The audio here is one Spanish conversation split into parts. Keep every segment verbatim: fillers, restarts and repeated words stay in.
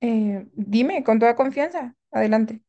Eh, dime, con toda confianza, adelante.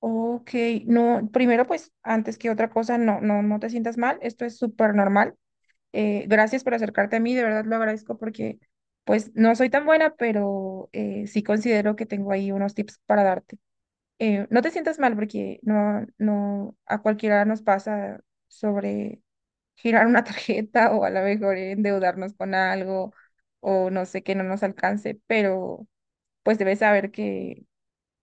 Ok, no, primero pues, antes que otra cosa, no, no, no te sientas mal, esto es súper normal. Eh, gracias por acercarte a mí, de verdad lo agradezco porque pues no soy tan buena, pero eh, sí considero que tengo ahí unos tips para darte. Eh, no te sientas mal porque no, no, a cualquiera nos pasa sobre girar una tarjeta o a lo mejor endeudarnos con algo o no sé que no nos alcance, pero pues debes saber que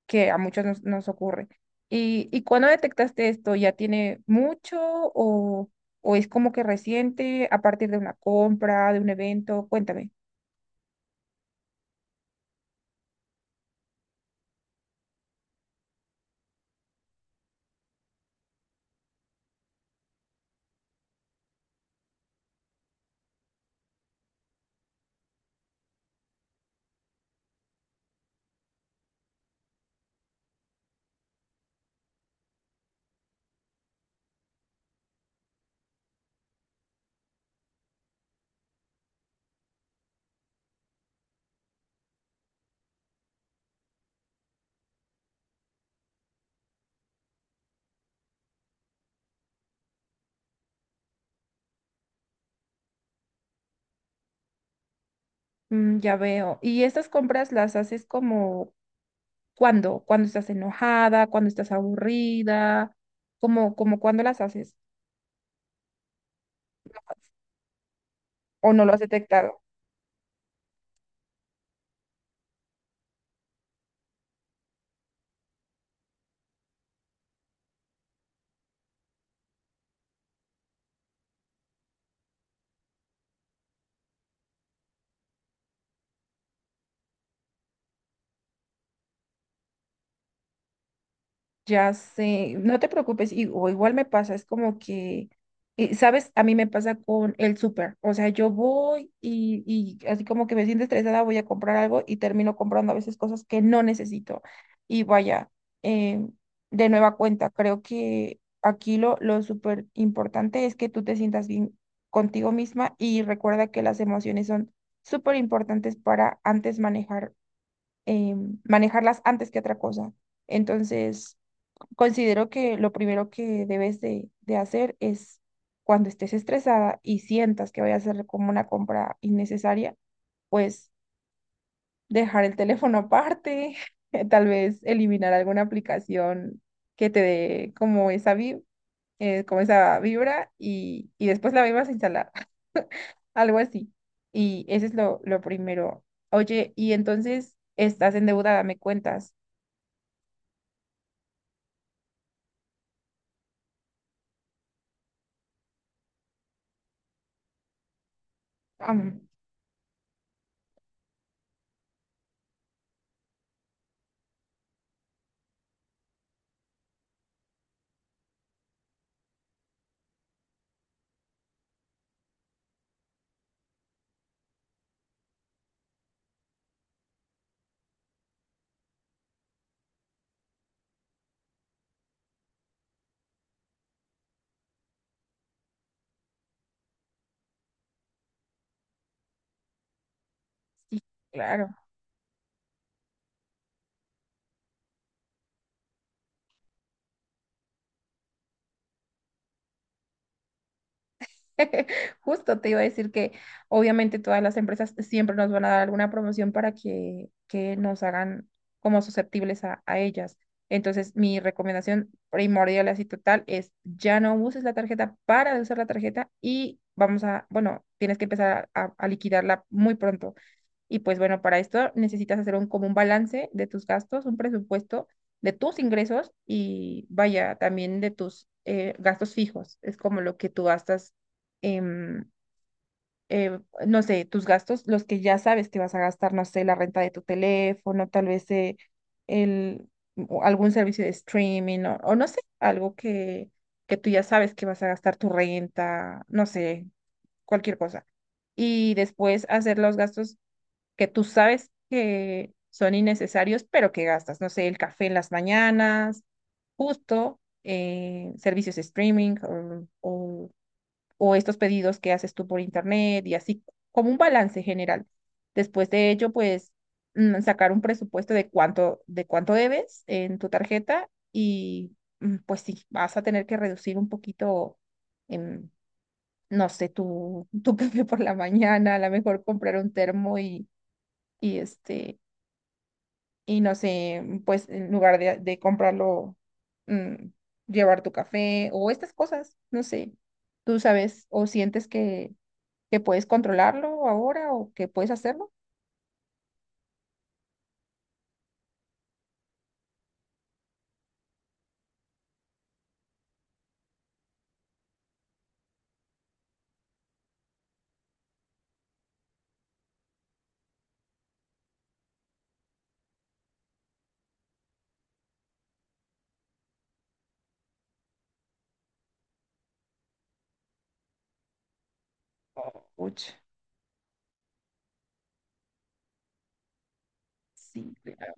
que a muchos nos, nos ocurre. ¿Y, y cuándo detectaste esto? ¿Ya tiene mucho o, o es como que reciente a partir de una compra, de un evento? Cuéntame. Mm, ya veo. ¿Y estas compras las haces como cuándo? ¿Cuándo estás enojada? ¿Cuándo estás aburrida? ¿Cómo, como cuándo las haces? ¿O no lo has detectado? Ya sé, no te preocupes, y, o igual me pasa, es como que, eh, ¿sabes? A mí me pasa con el súper, o sea, yo voy y, y así como que me siento estresada, voy a comprar algo y termino comprando a veces cosas que no necesito. Y vaya, eh, de nueva cuenta, creo que aquí lo, lo súper importante es que tú te sientas bien contigo misma y recuerda que las emociones son súper importantes para antes manejar, em, manejarlas antes que otra cosa. Entonces Considero que lo primero que debes de, de hacer es cuando estés estresada y sientas que vayas a hacer como una compra innecesaria, pues dejar el teléfono aparte, tal vez eliminar alguna aplicación que te dé como esa vi- eh, como esa vibra y, y después la vuelvas a instalar, algo así. Y ese es lo, lo primero. Oye, y entonces estás endeudada, me cuentas. Am, sí, claro. Justo te iba a decir que obviamente todas las empresas siempre nos van a dar alguna promoción para que, que nos hagan como susceptibles a, a ellas. Entonces, mi recomendación primordial así total es ya no uses la tarjeta para de usar la tarjeta y vamos a, bueno, tienes que empezar a, a liquidarla muy pronto. Y pues bueno, para esto necesitas hacer un, como un balance de tus gastos, un presupuesto de tus ingresos y vaya, también de tus eh, gastos fijos. Es como lo que tú gastas, em, eh, no sé, tus gastos, los que ya sabes que vas a gastar, no sé, la renta de tu teléfono, tal vez eh, el, o algún servicio de streaming o, o no sé, algo que, que tú ya sabes que vas a gastar tu renta, no sé, cualquier cosa y después hacer los gastos que tú sabes que son innecesarios, pero que gastas, no sé, el café en las mañanas, justo, eh, servicios de streaming o, o- o estos pedidos que haces tú por internet y así, como un balance general. Después de ello, pues mm, sacar un presupuesto de cuánto, de cuánto debes en tu tarjeta y mm, pues sí, vas a tener que reducir un poquito. em, No sé, tu, tu café por la mañana, a lo mejor comprar un termo y, y este, y no sé, mm, pues en lugar de, de comprarlo, mm, llevar tu café o estas cosas, no sé, tú sabes o sientes que, que puedes controlarlo ahora o que puedes hacerlo. Uch, sí, claro.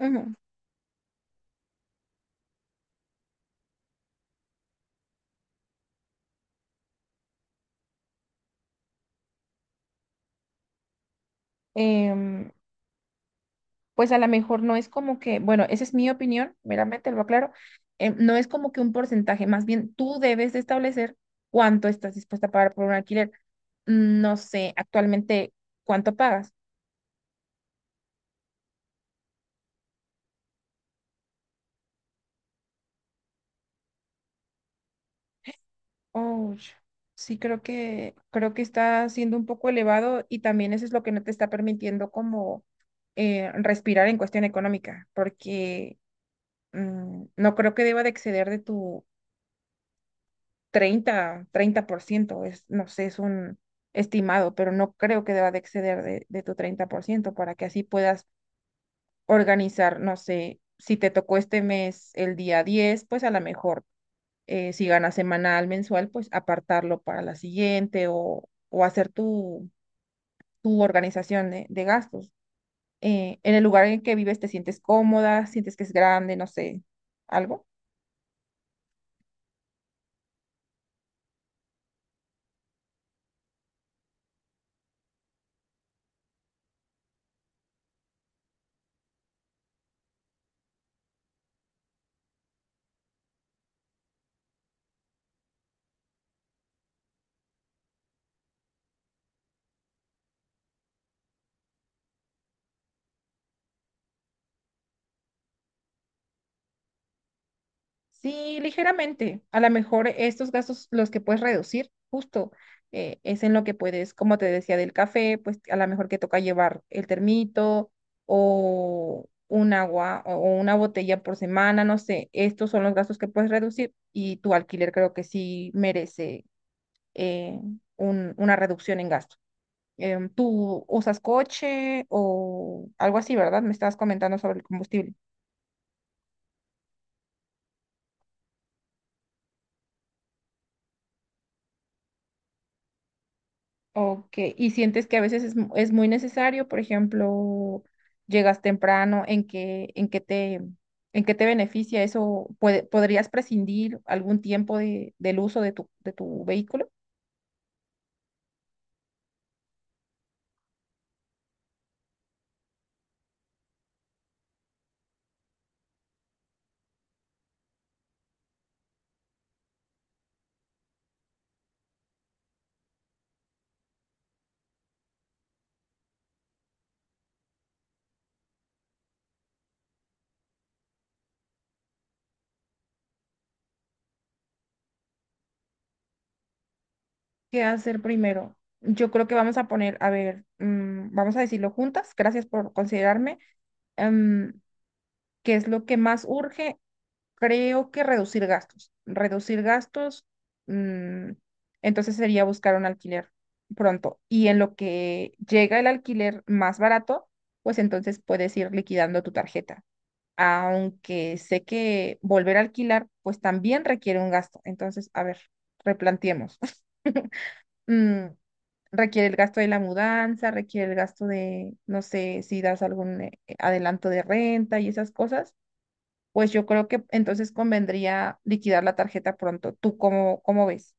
Ujú. Em, pues a lo mejor no es como que, bueno, esa es mi opinión, meramente lo aclaro, em, no es como que un porcentaje, más bien tú debes de establecer cuánto estás dispuesta a pagar por un alquiler. No sé actualmente cuánto pagas. Oh, sí, creo que, creo que está siendo un poco elevado y también eso es lo que no te está permitiendo como eh, respirar en cuestión económica, porque mm, no creo que deba de exceder de tu treinta treinta por ciento es, no sé, es un estimado, pero no creo que deba de exceder de, de tu treinta por ciento para que así puedas organizar, no sé, si te tocó este mes el día diez pues a lo mejor eh, si ganas semanal, mensual, pues apartarlo para la siguiente o, o hacer tu, tu organización de, de gastos. Eh, en el lugar en el que vives, ¿te sientes cómoda? ¿Sientes que es grande? No sé, algo. Sí, ligeramente. A lo mejor estos gastos los que puedes reducir, justo, eh, es en lo que puedes, como te decía, del café, pues a lo mejor que toca llevar el termito o un agua o una botella por semana, no sé. Estos son los gastos que puedes reducir y tu alquiler creo que sí merece eh, un- una reducción en gasto. Em, ¿tú usas coche o algo así, verdad? Me estabas comentando sobre el combustible. Ok, y sientes que a veces es, mu- es muy necesario, por ejemplo, llegas temprano, ¿en qué, en qué te, ¿en qué te beneficia eso? ¿Puede- podrías prescindir algún tiempo de, del uso de tu, de tu vehículo? ¿Qué hacer primero? Yo creo que vamos a poner, a ver, mm, vamos a decirlo juntas, gracias por considerarme, em, ¿qué es lo que más urge? Creo que reducir gastos. Reducir gastos, mm, entonces sería buscar un alquiler pronto. Y en lo que llega el alquiler más barato, pues entonces puedes ir liquidando tu tarjeta. Aunque sé que volver a alquilar, pues también requiere un gasto. Entonces, a ver, replanteemos. Mm, Requiere el gasto de la mudanza, requiere el gasto de, no sé, si das algún eh, adelanto de renta y esas cosas pues yo creo que entonces convendría liquidar la tarjeta pronto. ¿Tú cómo, cómo ves?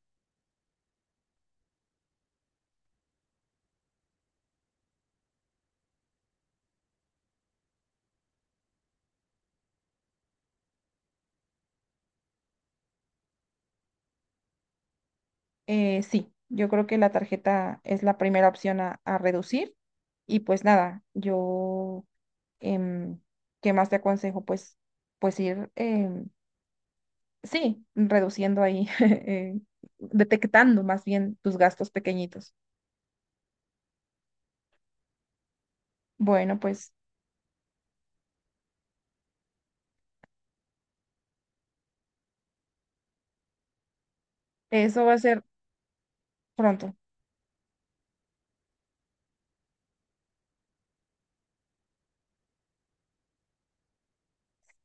Eh, sí, yo creo que la tarjeta es la primera opción a, a reducir. Y pues nada, yo, em, ¿qué más te aconsejo? Pues, pues ir, em, sí, reduciendo ahí, eh, detectando más bien tus gastos pequeñitos. Bueno, pues eso va a ser pronto.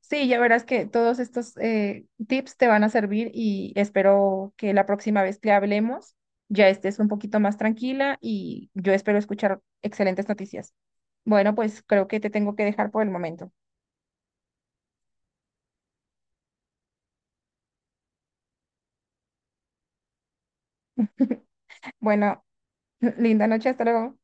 Sí, ya verás que todos estos eh, tips te van a servir y espero que la próxima vez que hablemos ya estés un poquito más tranquila y yo espero escuchar excelentes noticias. Bueno, pues creo que te tengo que dejar por el momento. Bueno, linda noche, hasta luego.